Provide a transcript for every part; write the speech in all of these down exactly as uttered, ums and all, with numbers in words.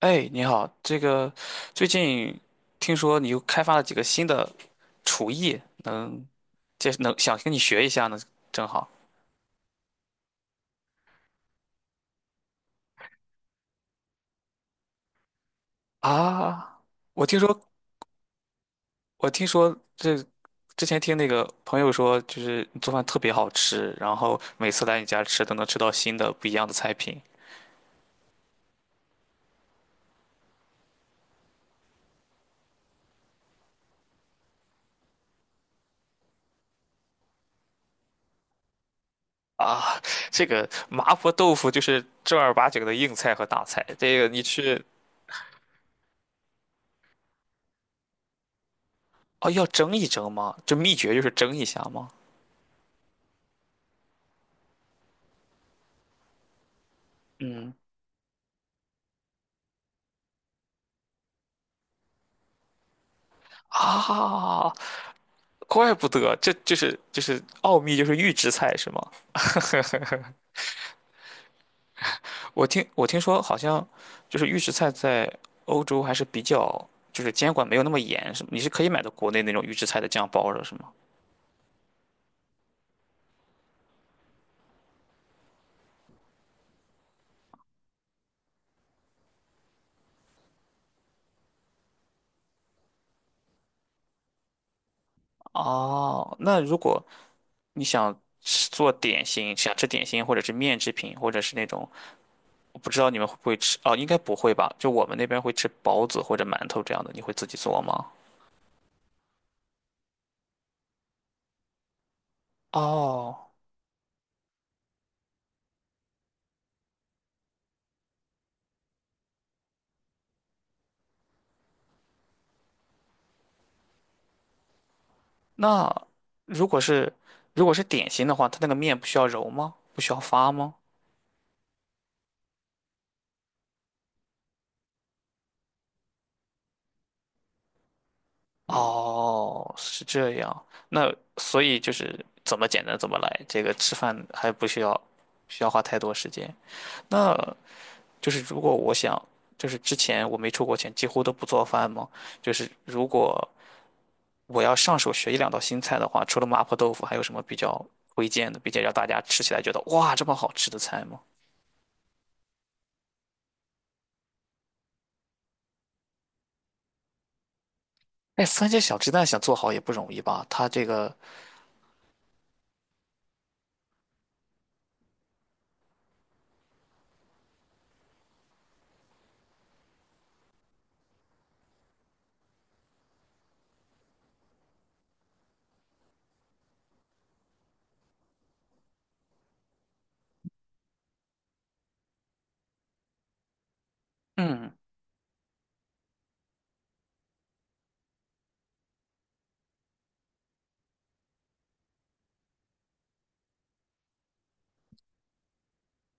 哎，你好，这个最近听说你又开发了几个新的厨艺，能介能想跟你学一下呢，正好啊。我听说，我听说这之前听那个朋友说，就是你做饭特别好吃，然后每次来你家吃都能吃到新的不一样的菜品啊。这个麻婆豆腐就是正儿八经的硬菜和大菜，这个你去哦要蒸一蒸吗？这秘诀就是蒸一下吗？啊，怪不得，这就是就是奥秘，就是预制菜是吗？我听我听说好像就是预制菜在欧洲还是比较就是监管没有那么严，是你是可以买到国内那种预制菜的酱包的，是吗？哦，那如果你想吃做点心，想吃点心或者是面制品，或者是那种我不知道你们会不会吃哦，应该不会吧？就我们那边会吃包子或者馒头这样的，你会自己做吗？哦，那如果是如果是点心的话，它那个面不需要揉吗？不需要发吗？哦，是这样。那所以就是怎么简单怎么来，这个吃饭还不需要不需要花太多时间。那就是如果我想，就是之前我没出过钱，几乎都不做饭吗？就是如果我要上手学一两道新菜的话，除了麻婆豆腐，还有什么比较推荐的，并且让大家吃起来觉得哇这么好吃的菜吗？哎，番茄小鸡蛋想做好也不容易吧？它这个。嗯，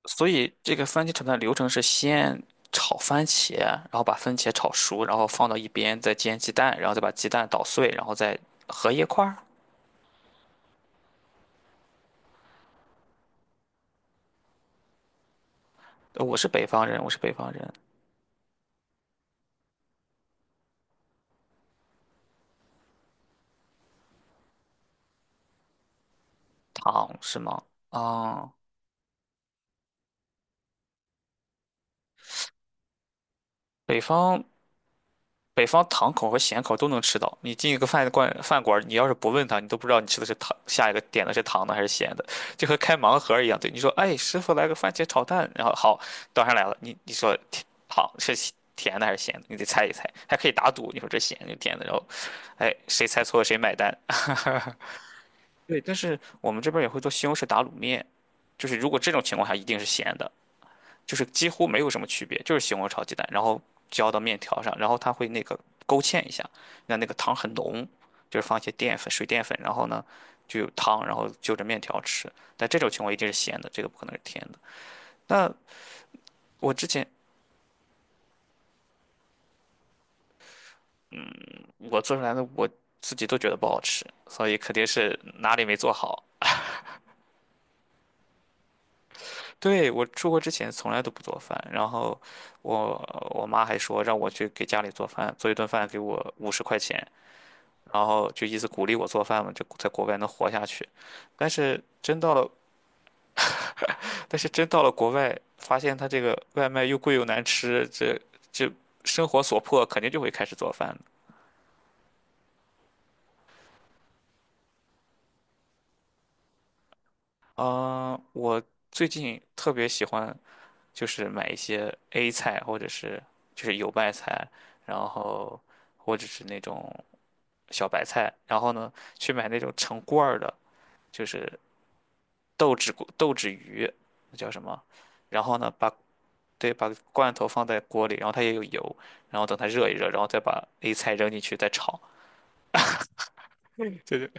所以这个番茄炒蛋的流程是先炒番茄，然后把番茄炒熟，然后放到一边，再煎鸡蛋，然后再把鸡蛋捣碎，然后再合一块儿。呃我是北方人，我是北方人，糖是吗？啊，北方北方糖口和咸口都能吃到。你进一个饭馆，饭馆你要是不问他，你都不知道你吃的是糖，下一个点的是糖的还是咸的，就和开盲盒一样。对，你说，哎，师傅来个番茄炒蛋，然后好端上来了，你你说甜好是咸甜的还是咸的，你得猜一猜，还可以打赌，你说这咸就甜的，然后，哎，谁猜错了谁买单。对，但是我们这边也会做西红柿打卤面，就是如果这种情况下一定是咸的，就是几乎没有什么区别，就是西红柿炒鸡蛋，然后浇到面条上，然后它会那个勾芡一下，让那个汤很浓，就是放一些淀粉、水淀粉，然后呢就有汤，然后就着面条吃。但这种情况一定是咸的，这个不可能是甜的。那我之前我做出来的我自己都觉得不好吃，所以肯定是哪里没做好。对，我出国之前从来都不做饭，然后我我妈还说让我去给家里做饭，做一顿饭给我五十块钱，然后就一直鼓励我做饭嘛，就在国外能活下去。但是真到了，但是真到了国外，发现他这个外卖又贵又难吃，这这生活所迫，肯定就会开始做饭的。啊、我最近特别喜欢就是买一些 A 菜，或者是就是油麦菜，然后或者是那种小白菜，然后呢去买那种成罐儿的，就是豆豉锅豆豉鱼，那叫什么？然后呢，把对把罐头放在锅里，然后它也有油，然后等它热一热，然后再把 A 菜扔进去再炒。嗯对对，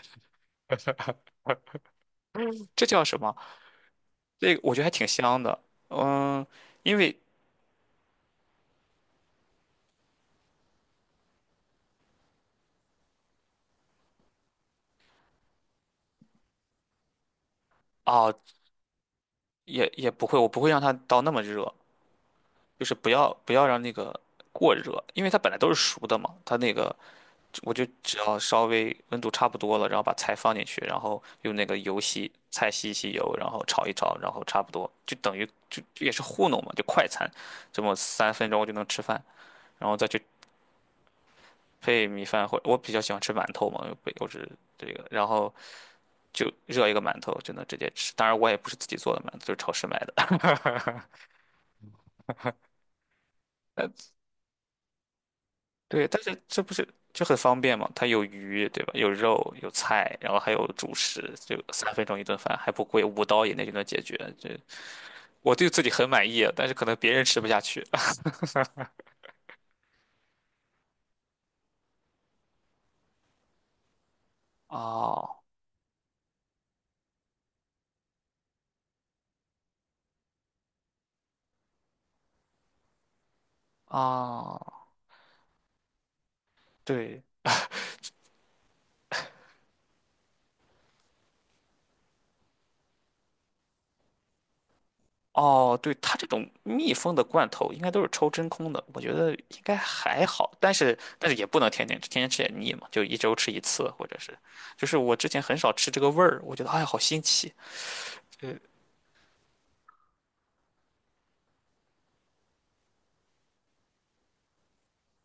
这叫什么？这个我觉得还挺香的。嗯，因为啊，也也不会，我不会让它到那么热，就是不要不要让那个过热，因为它本来都是熟的嘛，它那个我就只要稍微温度差不多了，然后把菜放进去，然后用那个油吸菜吸一吸油，然后炒一炒，然后差不多就等于就就也是糊弄嘛，就快餐，这么三分钟就能吃饭，然后再去配米饭或我比较喜欢吃馒头嘛，又不又是这个，然后就热一个馒头就能直接吃，当然我也不是自己做的馒头，就是超市买的。对，但是这不是就很方便嘛？它有鱼，对吧？有肉，有菜，然后还有主食，就三分钟一顿饭，还不贵，五刀以内就能解决。这我对自己很满意啊，但是可能别人吃不下去。哦哦，对哦，对，它这种密封的罐头应该都是抽真空的，我觉得应该还好，但是但是也不能天天吃，天天吃也腻嘛，就一周吃一次，或者是，就是我之前很少吃这个味儿，我觉得哎呀好新奇，对，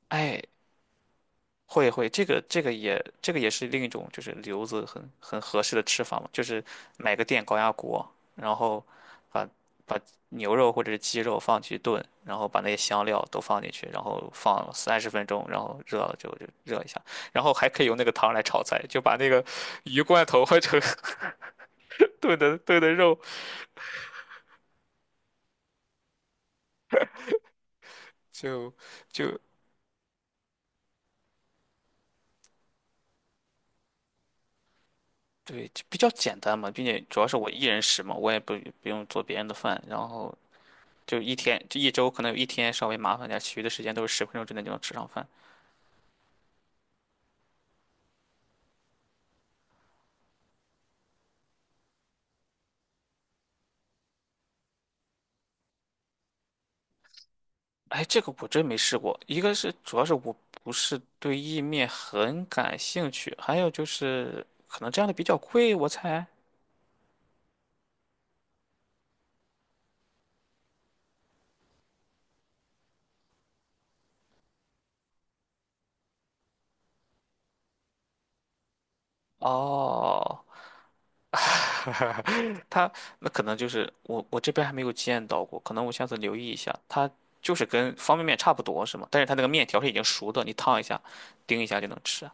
哎会会，这个这个也这个也是另一种就是留子很很合适的吃法嘛，就是买个电高压锅，然后把把牛肉或者是鸡肉放进去炖，然后把那些香料都放进去，然后放三十分钟，然后热了就就热一下，然后还可以用那个汤来炒菜，就把那个鱼罐头换成 炖的炖的肉，就就对，就比较简单嘛，并且主要是我一人食嘛，我也不不用做别人的饭，然后就一天，就一周可能有一天稍微麻烦点其余的时间都是十分钟之内就能吃上饭。哎，这个我真没试过。一个是主要是我不是对意面很感兴趣，还有就是可能这样的比较贵，我猜。哦，它那可能就是我我这边还没有见到过，可能我下次留意一下。它就是跟方便面差不多是吗？但是它那个面条是已经熟的，你烫一下，叮一下就能吃。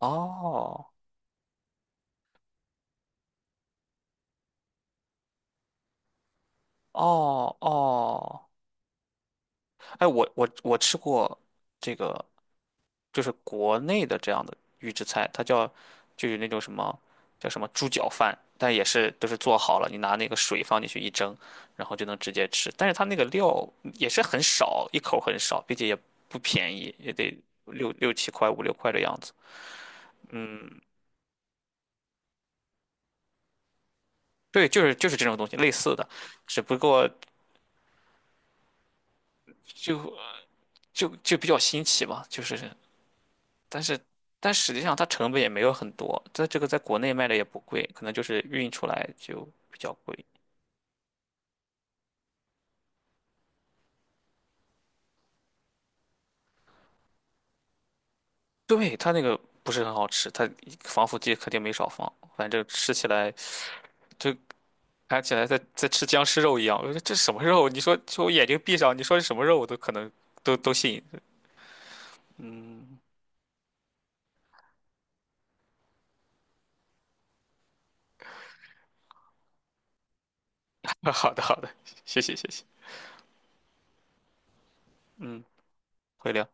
哦哦哦，哎，我我我吃过这个就是国内的这样的预制菜，它叫就有那种什么叫什么猪脚饭，但也是都是做好了，你拿那个水放进去一蒸，然后就能直接吃。但是它那个料也是很少，一口很少，并且也不便宜，也得六六七块五六块的样子。对，就是就是这种东西类似的，只不过就就就比较新奇嘛，就是但是。但实际上，它成本也没有很多，在这个在国内卖的也不贵，可能就是运出来就比较贵。对，它那个不是很好吃，它防腐剂肯定没少放，反正吃起来就看起来在在吃僵尸肉一样。我说这什么肉？你说说我眼睛闭上，你说是什么肉，我都可能都都信。嗯，好的好的，谢谢谢谢，嗯，回聊。